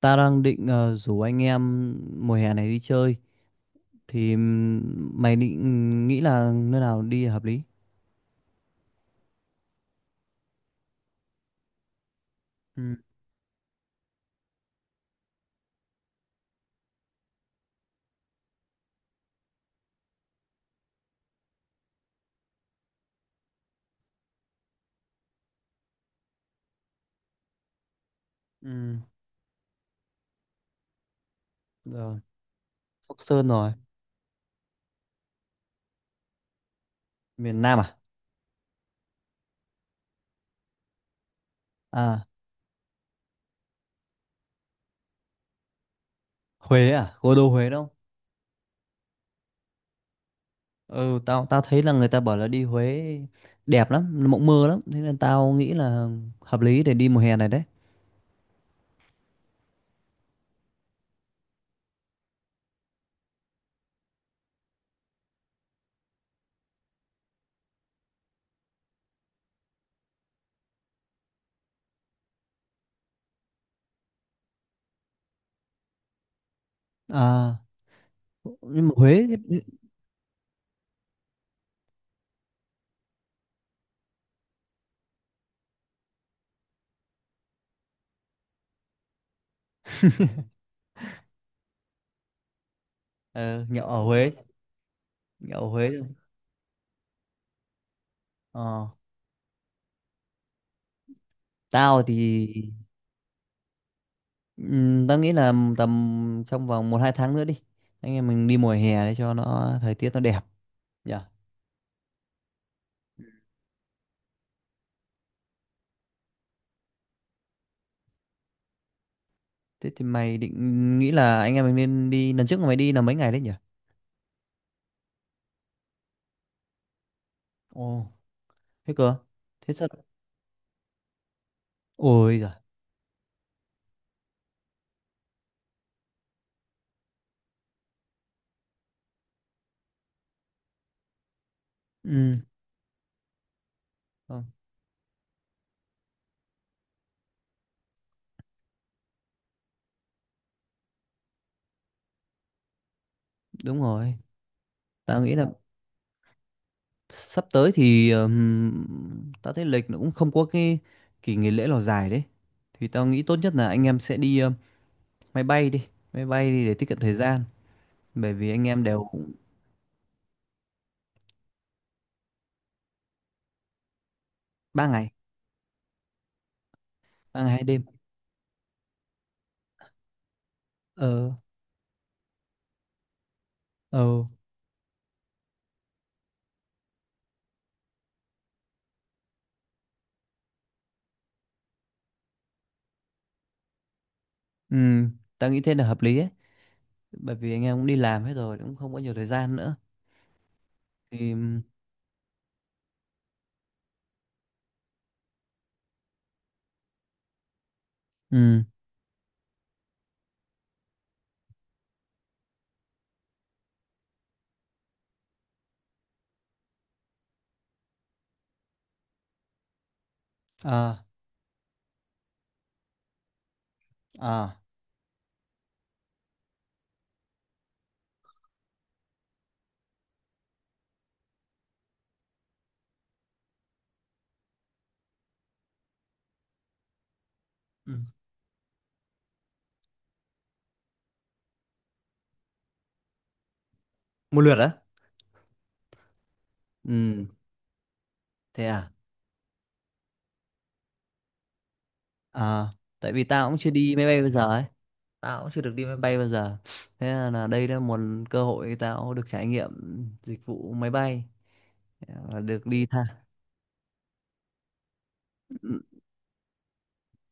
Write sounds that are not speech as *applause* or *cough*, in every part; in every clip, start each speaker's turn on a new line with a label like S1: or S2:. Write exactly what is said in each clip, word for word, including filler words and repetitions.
S1: Ta đang định ờ, rủ anh em mùa hè này đi chơi thì ừm, mày định nghĩ là nơi nào đi hợp lý? Ừ, ừ, rồi. Sóc Sơn rồi. Miền Nam à? À, Huế à? Cố đô Huế đúng không? Ừ, tao tao thấy là người ta bảo là đi Huế đẹp lắm, mộng mơ lắm, thế nên tao nghĩ là hợp lý để đi mùa hè này đấy. À, nhưng mà Huế. ờ, Nhậu ở Huế, nhậu ở Huế. Ờ. tao thì Ừm, tao nghĩ là tầm trong vòng một hai tháng nữa đi. Anh em mình đi mùa hè để cho nó thời tiết nó đẹp nhỉ. Thế thì mày định nghĩ là anh em mình nên đi, lần trước mày đi là mấy ngày đấy nhỉ? Ồ, thế cơ. Thế sao? Ôi giời. Ừ. ờ, Đúng rồi. Tao nghĩ là sắp tới thì ừm, tao thấy lịch nó cũng không có cái kỳ nghỉ lễ nào dài đấy. Thì tao nghĩ tốt nhất là anh em sẽ đi ờ, máy bay đi máy bay đi để tiết kiệm thời gian, bởi vì anh em đều cũng ba ngày ba ngày hai đêm. Ờ. Ừ, ừ, tao nghĩ thế là hợp lý ấy, bởi vì anh em cũng đi làm hết rồi cũng không có nhiều thời gian nữa. Thì ừ, à, à, ừ. Một lượt á? Ừ. Thế à? À. Tại vì tao cũng chưa đi máy bay bao giờ ấy, tao cũng chưa được đi máy bay bao giờ. Thế là là đây là một cơ hội tao được trải nghiệm dịch vụ máy bay. Ờ, được đi tha. Ừ,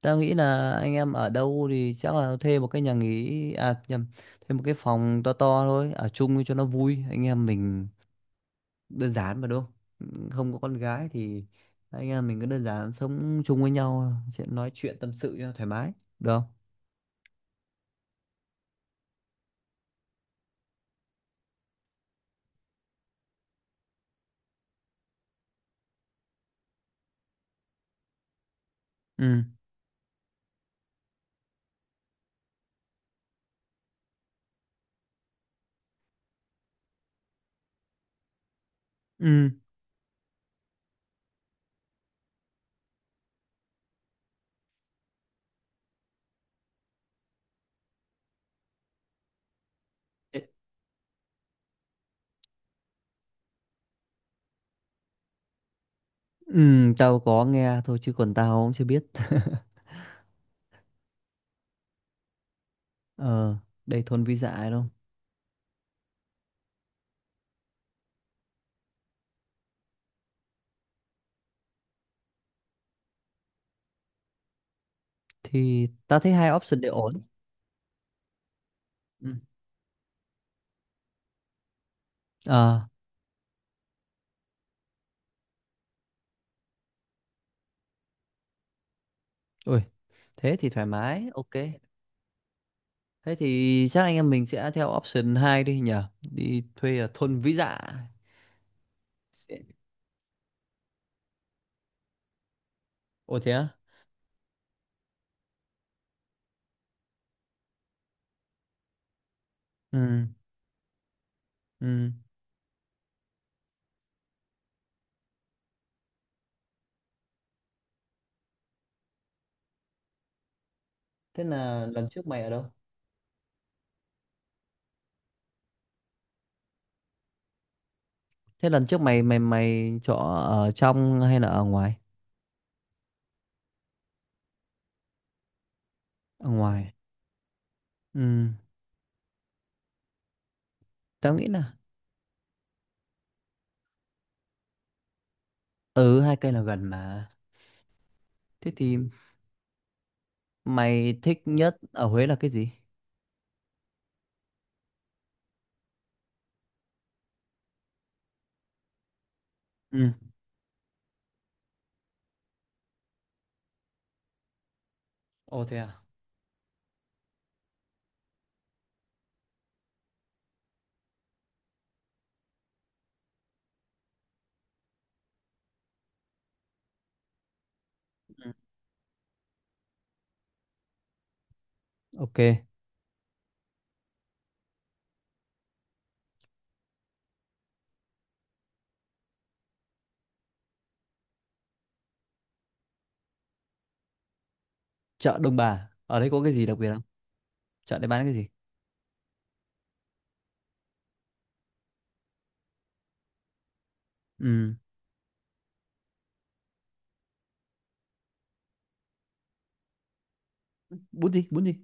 S1: tao nghĩ là anh em ở đâu thì chắc là thuê một cái nhà nghỉ, à nhầm, thuê một cái phòng to to thôi, ở chung cho nó vui. Anh em mình đơn giản mà, đúng không? Ừ, không có con gái thì anh em mình cứ đơn giản sống chung với nhau, sẽ nói chuyện tâm sự cho thoải mái, được không? Ừ. Ừ. Ê, ừ, tao có nghe thôi chứ còn tao cũng chưa biết. *laughs* Ờ, đây thôn Vi Dạ đúng không? Thì tao thấy hai option đều ổn. Ừ. À. Ui, thế thì thoải mái. Ok. Thế thì chắc anh em mình sẽ theo option hai đi nhỉ, đi thuê ở thôn Vĩ Dạ. Sẽ- Ồ thế á? Ừ. Ừ. Thế là lần trước mày ở đâu? Thế lần trước mày mày mày chỗ ở trong hay là ở ngoài? Ở ngoài. Ừ, tao nghĩ là, ừ, hai cây là gần mà. Thế thì mày thích nhất ở Huế là cái gì? Ừ. Ồ thế à? Ok. Chợ Đông Bà. Ở đây có cái gì đặc biệt không? Chợ đấy bán cái gì? Ừ. Bún gì? Bún gì?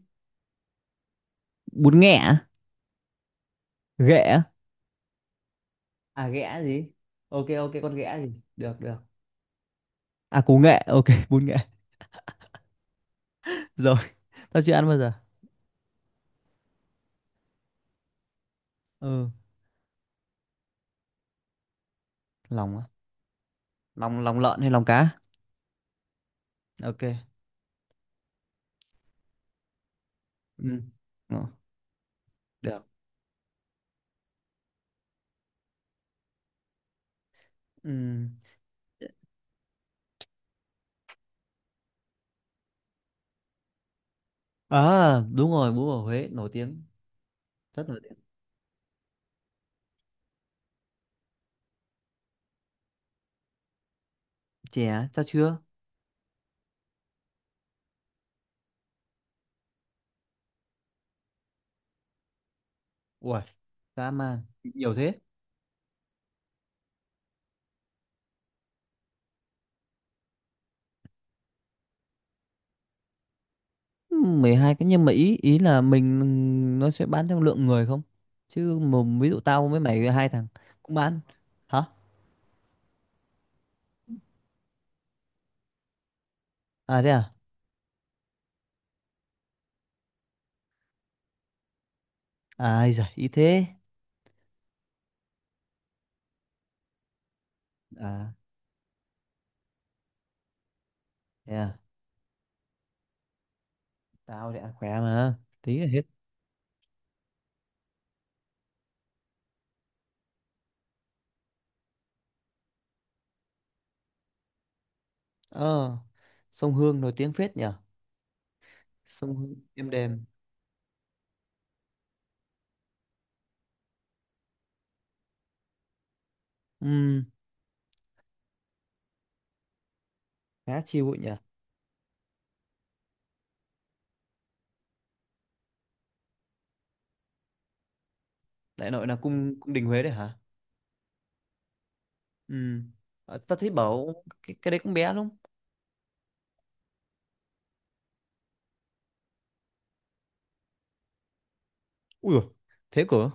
S1: Bún nghẹ à? Ghẹ à? À ghẹ gì? Ok, ok, con ghẹ gì? Được, được. À, củ nghệ. Ok. *laughs* Bún nghệ. Rồi, tao chưa ăn bao giờ. Ừ, lòng á. Lòng, lòng lợn hay lòng cá? Ok. Ừ. Ờ, được. Ừ. À, đúng rồi, bún bò Huế nổi tiếng, rất nổi tiếng. Chè, sao chưa. Ui, dã man, nhiều thế. Ừ, mười hai cái, nhưng mà ý ý là mình, nó sẽ bán theo lượng người không? Chứ mà ví dụ tao với mày hai thằng cũng bán. Hả? À thế à? À ai giời, ý thế. À, thế à? Tao thì ăn khỏe mà, tí là hết. Ờ, sông Hương nổi tiếng phết nhỉ? Sông Hương êm đềm. Ừ, khá chill ấy nhỉ? Đại nội là cung cung đình Huế đấy hả? Ừ. Ờ, tao thấy bảo cái, cái đấy cũng bé lắm. Ui dồi, thế cửa.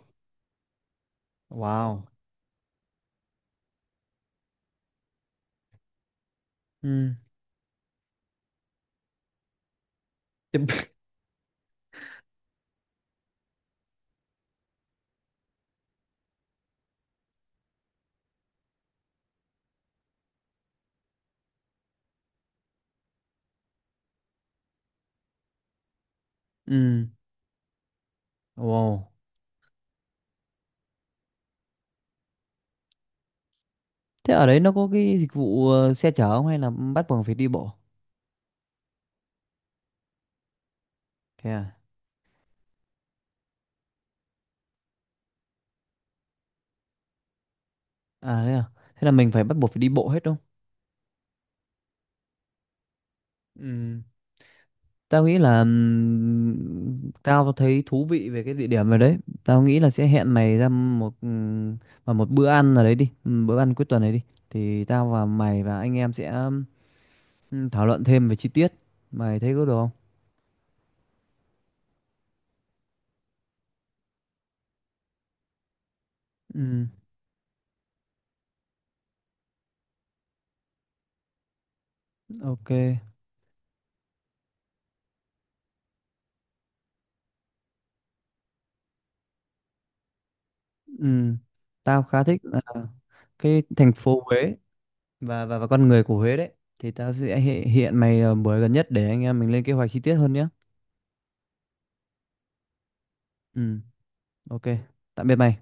S1: Ừ, wow. Ừ. Tiếp- *laughs* ừ. Wow, thế ở đấy nó có cái dịch vụ ờ, xe chở không hay là bắt buộc phải đi bộ? Thế à? À thế à? Thế là mình phải bắt buộc phải đi bộ hết đúng không? Ừ. Tao nghĩ là ừm, tao thấy thú vị về cái địa điểm này đấy. Tao nghĩ là sẽ hẹn mày ra một ừm, vào một bữa ăn nào đấy đi, ừm, bữa ăn cuối tuần này đi. Thì tao và mày và anh em sẽ ừm, thảo luận thêm về chi tiết, mày thấy có được không? Ừ, ok. Ừ, tao khá thích là cái thành phố Huế và và và con người của Huế đấy. Thì tao sẽ hệ- hiện mày ờ, buổi gần nhất để anh em mình lên kế hoạch chi tiết hơn nhé. Ừ, ok. Tạm biệt mày.